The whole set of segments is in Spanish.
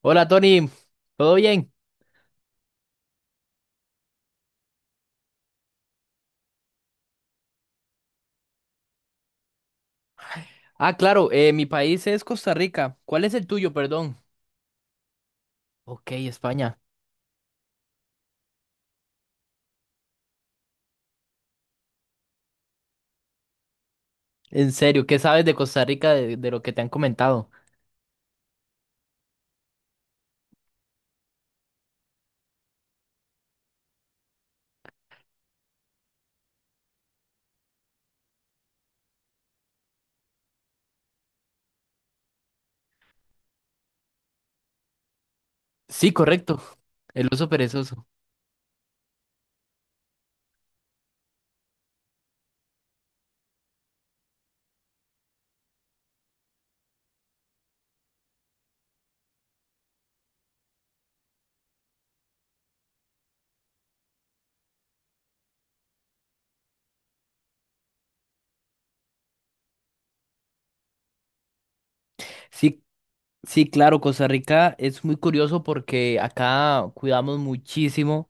Hola Tony, ¿todo bien? Ah, claro, mi país es Costa Rica. ¿Cuál es el tuyo, perdón? Ok, España. En serio, ¿qué sabes de Costa Rica de lo que te han comentado? Sí, correcto, el oso perezoso. Sí, sí, claro, Costa Rica es muy curioso porque acá cuidamos muchísimo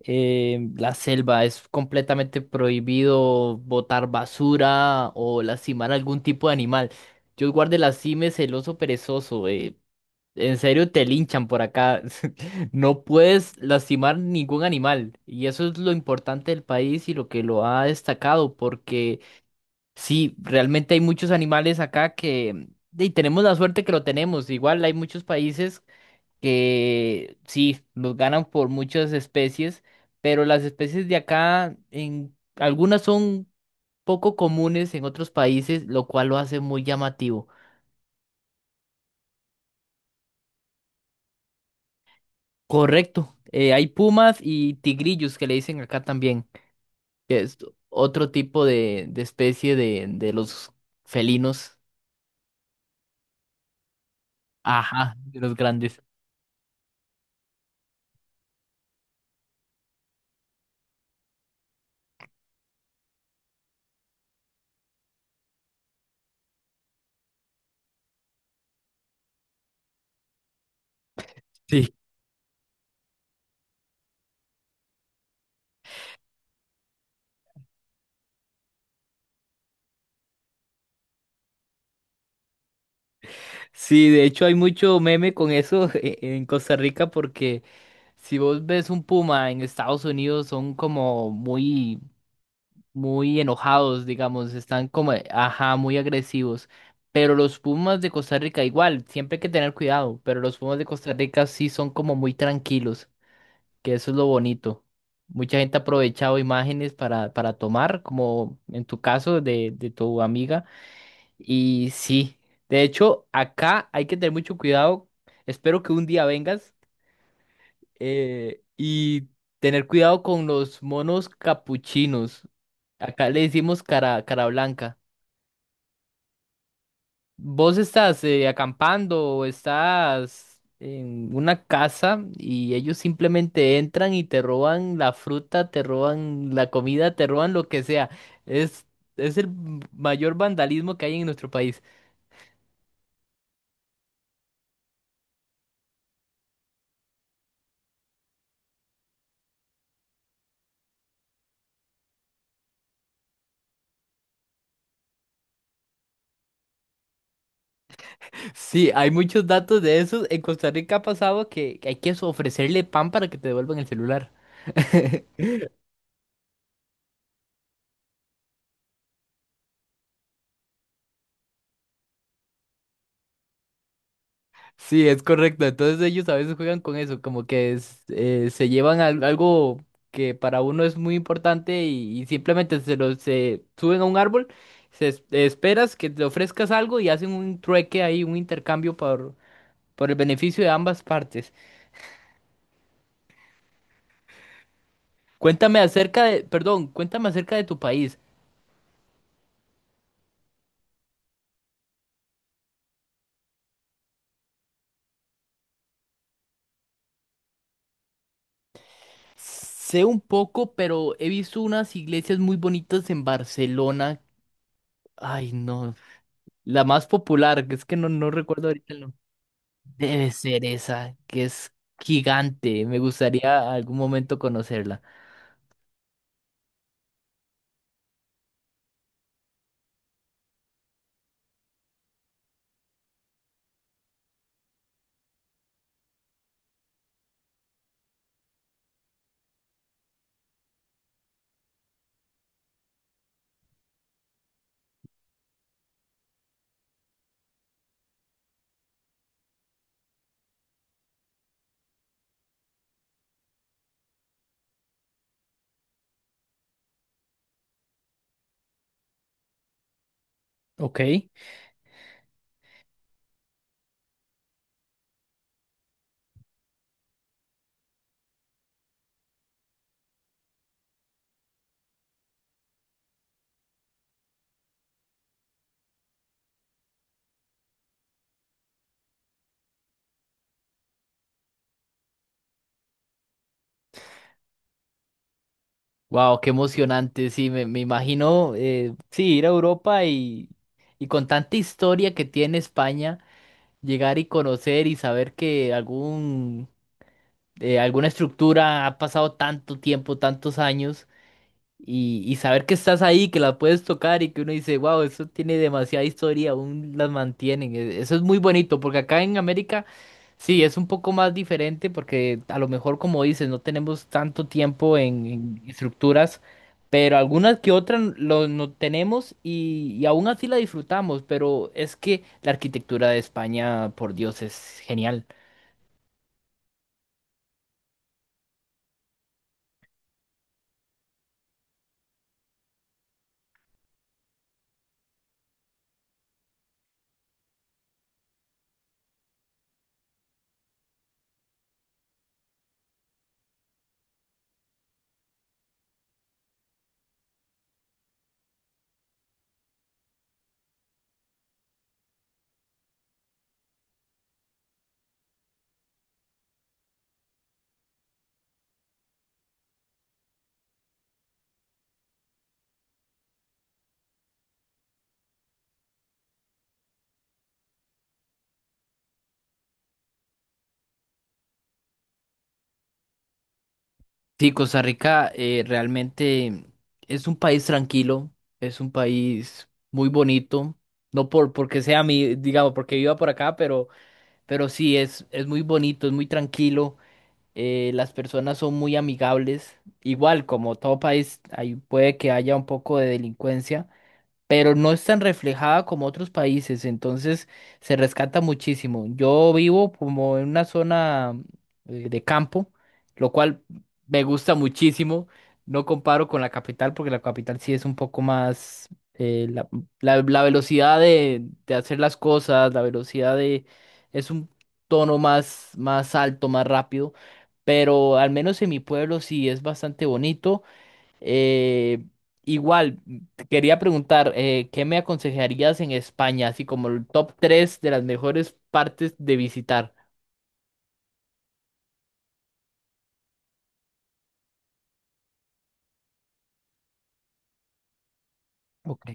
la selva. Es completamente prohibido botar basura o lastimar algún tipo de animal. Yo guardé las cimes el oso perezoso. En serio, te linchan por acá. No puedes lastimar ningún animal. Y eso es lo importante del país y lo que lo ha destacado, porque sí, realmente hay muchos animales acá que... Y tenemos la suerte que lo tenemos. Igual hay muchos países que sí, nos ganan por muchas especies, pero las especies de acá, en algunas son poco comunes en otros países, lo cual lo hace muy llamativo. Correcto. Hay pumas y tigrillos que le dicen acá también, que es otro tipo de especie de los felinos. Ajá, de los grandes. Sí. Sí, de hecho hay mucho meme con eso en Costa Rica porque si vos ves un puma en Estados Unidos son como muy enojados, digamos, están como, ajá, muy agresivos. Pero los pumas de Costa Rica igual, siempre hay que tener cuidado, pero los pumas de Costa Rica sí son como muy tranquilos. Que eso es lo bonito. Mucha gente ha aprovechado imágenes para tomar, como en tu caso de tu amiga. Y sí, de hecho, acá hay que tener mucho cuidado. Espero que un día vengas y tener cuidado con los monos capuchinos. Acá le decimos cara, cara blanca. ¿Vos estás acampando o estás en una casa y ellos simplemente entran y te roban la fruta, te roban la comida, te roban lo que sea? Es, es el mayor vandalismo que hay en nuestro país. Sí, hay muchos datos de esos. En Costa Rica ha pasado que hay que ofrecerle pan para que te devuelvan el celular. Sí, es correcto. Entonces ellos a veces juegan con eso, como que se llevan algo que para uno es muy importante y simplemente se suben a un árbol, esperas que te ofrezcas algo y hacen un trueque ahí, un intercambio por el beneficio de ambas partes. Cuéntame acerca de, perdón, cuéntame acerca de tu país. Sé un poco, pero he visto unas iglesias muy bonitas en Barcelona. Ay, no, la más popular, que es que no recuerdo ahorita. Debe ser esa, que es gigante. Me gustaría algún momento conocerla. Ok. Wow, qué emocionante. Sí, me imagino, sí, ir a Europa y con tanta historia que tiene España, llegar y conocer y saber que alguna estructura ha pasado tanto tiempo, tantos años. Y saber que estás ahí, que la puedes tocar y que uno dice, wow, eso tiene demasiada historia, aún las mantienen. Eso es muy bonito, porque acá en América sí es un poco más diferente, porque a lo mejor, como dices, no tenemos tanto tiempo en estructuras, pero algunas que otras no tenemos y aún así la disfrutamos. Pero es que la arquitectura de España, por Dios, es genial. Sí, Costa Rica realmente es un país tranquilo, es un país muy bonito, no porque sea mi, digamos, porque viva por acá, pero sí es muy bonito, es muy tranquilo, las personas son muy amigables, igual como todo país, ahí puede que haya un poco de delincuencia, pero no es tan reflejada como otros países, entonces se rescata muchísimo. Yo vivo como en una zona de campo, lo cual me gusta muchísimo. No comparo con la capital porque la capital sí es un poco más eh, la, la velocidad de hacer las cosas, la velocidad de es un tono más alto, más rápido, pero al menos en mi pueblo sí es bastante bonito. Eh, Igual, te quería preguntar, ¿qué me aconsejarías en España, así como el top 3 de las mejores partes de visitar? Ok.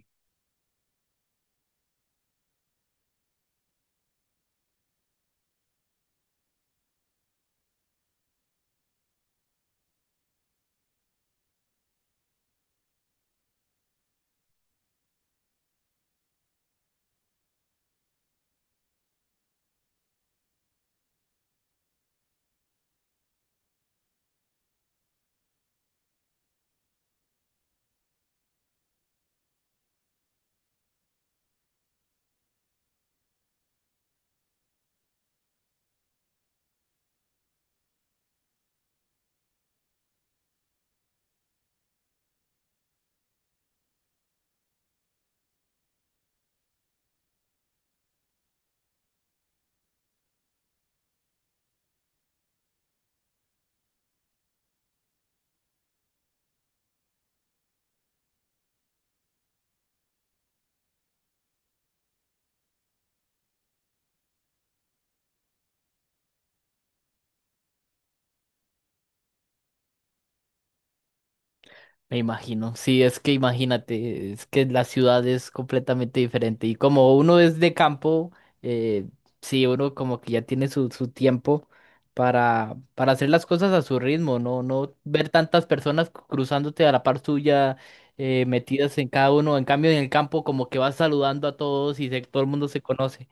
Me imagino, sí, es que imagínate, es que la ciudad es completamente diferente y como uno es de campo, eh, sí, uno como que ya tiene su, su tiempo para hacer las cosas a su ritmo, no ver tantas personas cruzándote a la par suya, metidas en cada uno, en cambio en el campo como que vas saludando a todos todo el mundo se conoce.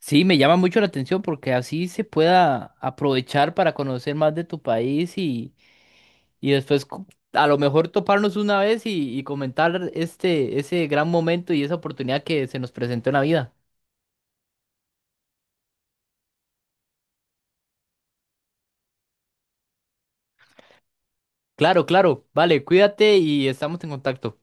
Sí, me llama mucho la atención porque así se pueda aprovechar para conocer más de tu país. Y después a lo mejor toparnos una vez y comentar este, ese gran momento y esa oportunidad que se nos presentó en la vida. Claro, claro. Vale, cuídate y estamos en contacto.